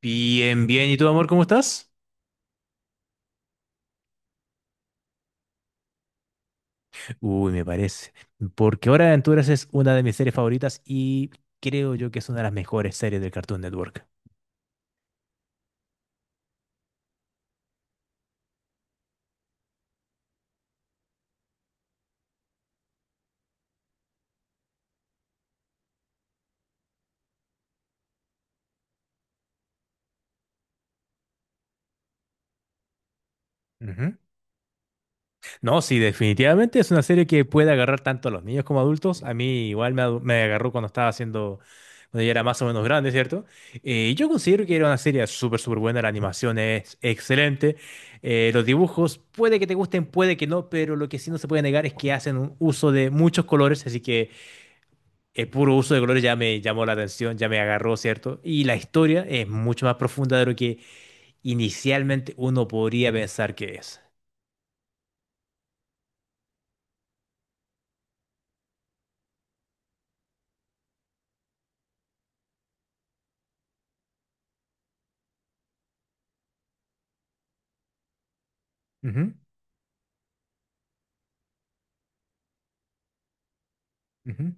Bien, bien. ¿Y tú, amor, cómo estás? Uy, me parece. Porque Hora de Aventuras es una de mis series favoritas y creo yo que es una de las mejores series del Cartoon Network. Ujú. No, sí, definitivamente es una serie que puede agarrar tanto a los niños como adultos. A mí igual me agarró cuando estaba haciendo, cuando ya era más o menos grande, ¿cierto? Yo considero que era una serie súper, súper buena. La animación es excelente. Los dibujos puede que te gusten, puede que no, pero lo que sí no se puede negar es que hacen un uso de muchos colores, así que el puro uso de colores ya me llamó la atención, ya me agarró, ¿cierto? Y la historia es mucho más profunda de lo que inicialmente uno podría pensar que es. Ujú, ujú.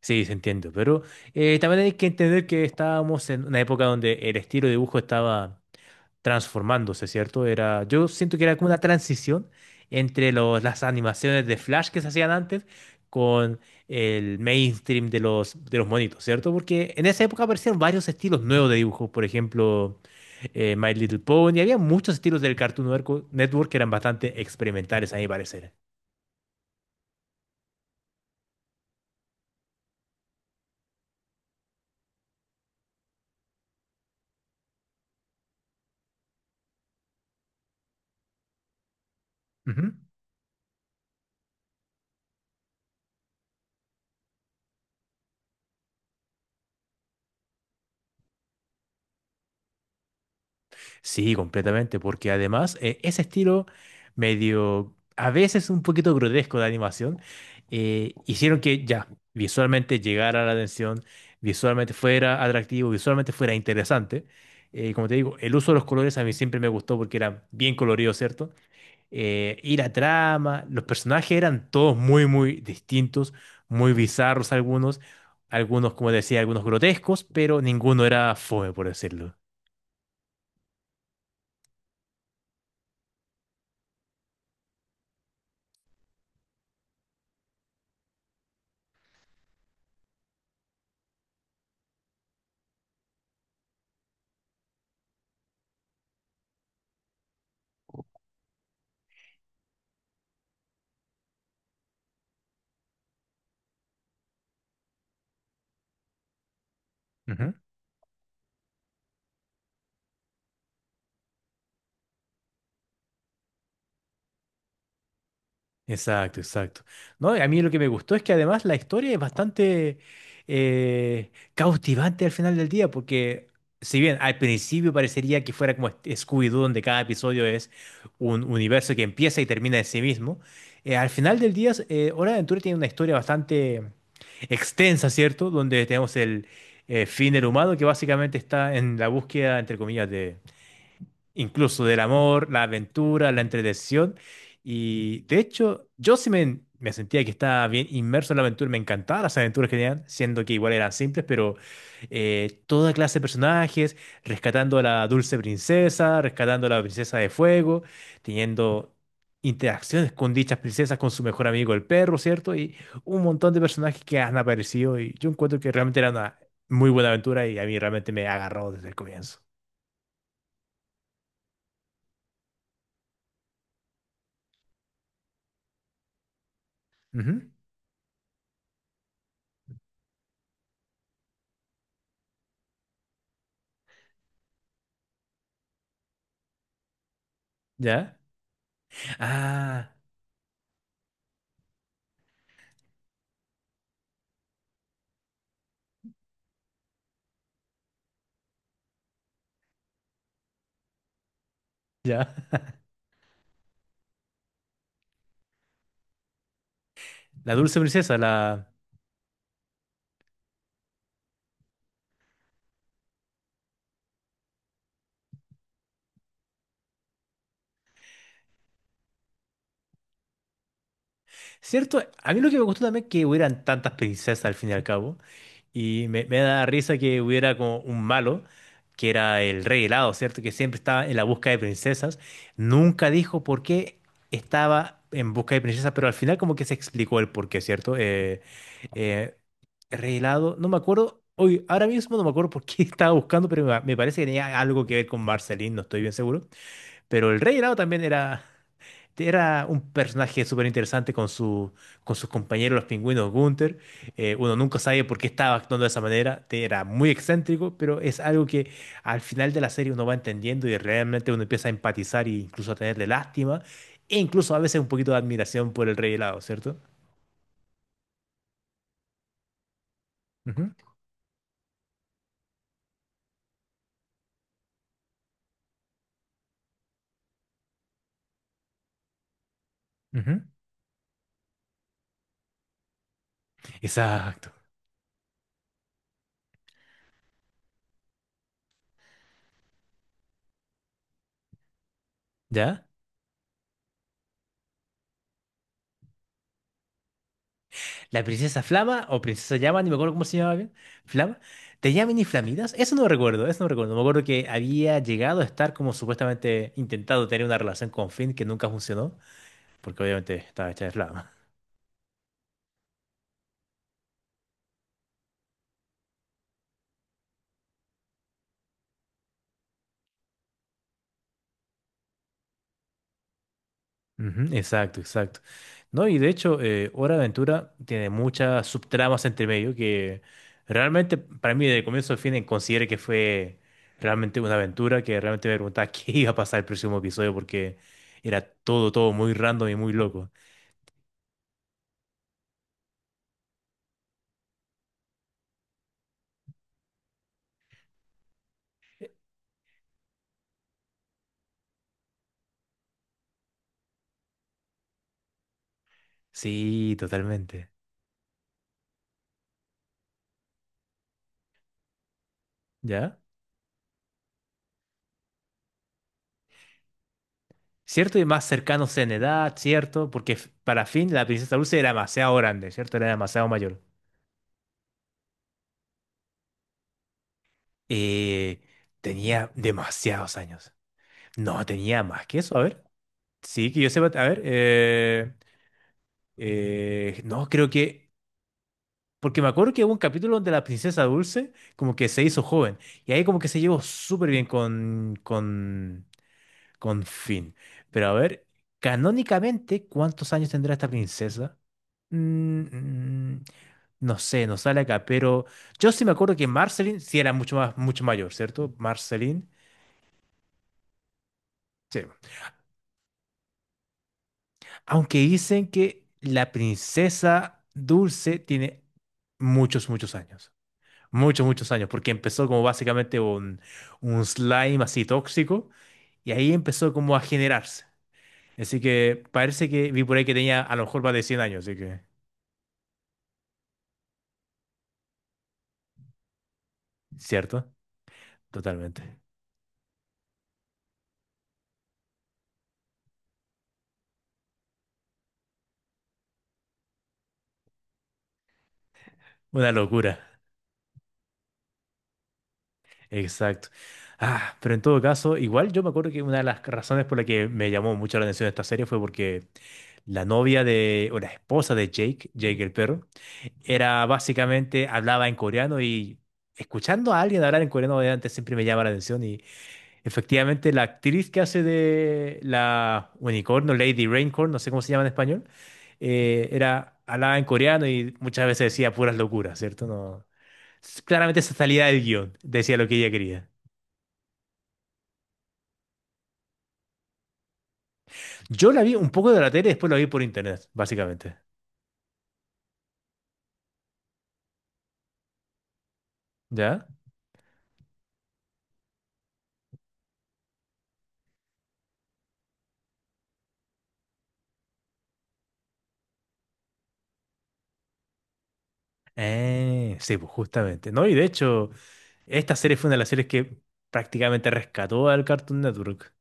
Sí, se entiende, pero también hay que entender que estábamos en una época donde el estilo de dibujo estaba transformándose, ¿cierto? Era, yo siento que era como una transición entre las animaciones de Flash que se hacían antes con el mainstream de de los monitos, ¿cierto? Porque en esa época aparecieron varios estilos nuevos de dibujo, por ejemplo My Little Pony. Había muchos estilos del Cartoon Network que eran bastante experimentales, a mi parecer. Ujú. Sí, completamente, porque además ese estilo medio, a veces un poquito grotesco de animación, hicieron que ya visualmente llegara la atención, visualmente fuera atractivo, visualmente fuera interesante. Como te digo, el uso de los colores a mí siempre me gustó porque eran bien coloridos, ¿cierto? Y la trama, los personajes eran todos muy, muy distintos, muy bizarros algunos, algunos, como decía, algunos grotescos, pero ninguno era fome, por decirlo. Ujú. Exacto, exacto. No, y a mí lo que me gustó es que además la historia es bastante cautivante al final del día, porque si bien al principio parecería que fuera como este Scooby-Doo, donde cada episodio es un universo que empieza y termina en sí mismo, al final del día, Hora de Aventura tiene una historia bastante extensa, ¿cierto? Donde tenemos el fin del humano, que básicamente está en la búsqueda, entre comillas, de, incluso del amor, la aventura, la entretención. Y de hecho, yo sí me sentía que estaba bien inmerso en la aventura, me encantaban las aventuras que tenían, siendo que igual eran simples, pero toda clase de personajes, rescatando a la dulce princesa, rescatando a la princesa de fuego, teniendo interacciones con dichas princesas, con su mejor amigo el perro, ¿cierto? Y un montón de personajes que han aparecido y yo encuentro que realmente era una muy buena aventura y a mí realmente me agarró desde el comienzo. Ujú. ¿Ya? Ah, ya. La dulce princesa, la... Cierto, a mí lo que me gustó también es que hubieran tantas princesas al fin y al cabo. Y me da risa que hubiera como un malo, que era el rey helado, ¿cierto? Que siempre estaba en la búsqueda de princesas. Nunca dijo por qué estaba en busca de princesas, pero al final como que se explicó el por qué, ¿cierto? Eh, Rey helado, no me acuerdo. Hoy, ahora mismo no me acuerdo por qué estaba buscando, pero me parece que tenía algo que ver con Marceline, no estoy bien seguro. Pero el rey helado también era. Era un personaje súper interesante con con sus compañeros, los pingüinos Gunther. Uno nunca sabe por qué estaba actuando de esa manera. Era muy excéntrico, pero es algo que al final de la serie uno va entendiendo y realmente uno empieza a empatizar e incluso a tenerle lástima e incluso a veces un poquito de admiración por el rey helado, ¿cierto? Ujú, ujú. Exacto. ¿Ya? La princesa Flama o princesa Llama, ni me acuerdo cómo se llamaba bien. Flama. ¿Tenía mini flamitas? Eso no recuerdo, eso no recuerdo. Me acuerdo que había llegado a estar como supuestamente intentado tener una relación con Finn que nunca funcionó, porque obviamente estaba hecha de flama. Ujú, exacto, exacto. No, y de hecho, Hora de Aventura tiene muchas subtramas entre medio que realmente para mí de comienzo a fin consideré que fue realmente una aventura que realmente me preguntaba qué iba a pasar el próximo episodio porque era todo, todo muy random y muy loco. Sí, totalmente. ¿Ya? ¿Cierto? Y más cercanos en edad, ¿cierto? Porque para Finn la princesa Dulce era demasiado grande, ¿cierto? Era demasiado mayor. Eh, Tenía demasiados años. No, tenía más que eso. A ver. Sí, que yo sepa. A ver. No, creo que. Porque me acuerdo que hubo un capítulo donde la princesa Dulce como que se hizo joven. Y ahí como que se llevó súper bien con, con Finn. Pero a ver, canónicamente, ¿cuántos años tendrá esta princesa? Mm, mm, no sé, no sale acá, pero yo sí me acuerdo que Marceline sí era mucho más, mucho mayor, ¿cierto? Marceline. Sí. Aunque dicen que la princesa Dulce tiene muchos, muchos años. Muchos, muchos años, porque empezó como básicamente un slime así tóxico y ahí empezó como a generarse. Así que parece que vi por ahí que tenía a lo mejor más de 100 años, así que, ¿cierto? Totalmente. Una locura. Exacto. Ah, pero en todo caso, igual yo me acuerdo que una de las razones por la que me llamó mucho la atención esta serie fue porque la novia de, o la esposa de Jake, Jake el perro, era básicamente, hablaba en coreano y escuchando a alguien hablar en coreano obviamente siempre me llama la atención y efectivamente la actriz que hace de la unicornio, Lady Raincorn, no sé cómo se llama en español, era, hablaba en coreano y muchas veces decía puras locuras, ¿cierto? No, claramente esa salida del guión decía lo que ella quería. Yo la vi un poco de la tele y después la vi por internet, básicamente. ¿Ya? Sí, pues justamente. No, y de hecho, esta serie fue una de las series que prácticamente rescató al Cartoon Network.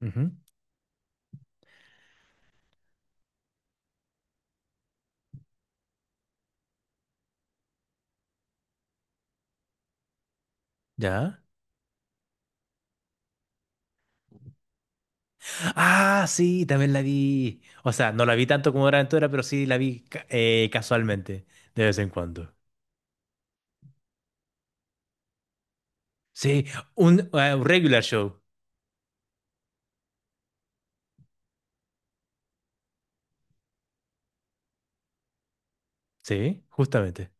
Ujú. ¿Ya? Ah, sí, también la vi. O sea, no la vi tanto como Hora de Aventura, pero sí la vi casualmente, de vez en cuando. Sí, un regular show. Sí, justamente.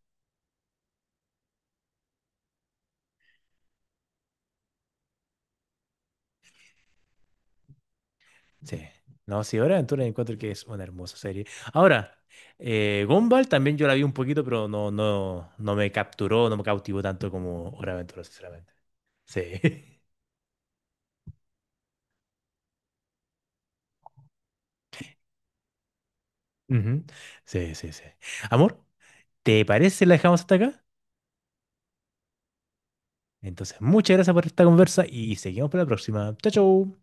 Sí. No, sí, Hora de Aventura encuentro que es una hermosa serie. Ahora, Gumball también yo la vi un poquito, pero no, no me capturó, no me cautivó tanto como Hora de Aventura, sinceramente. Sí. Ujú. Sí, sí, sí. Amor, ¿te parece si la dejamos hasta acá? Entonces, muchas gracias por esta conversa y seguimos para la próxima. Chao, chao.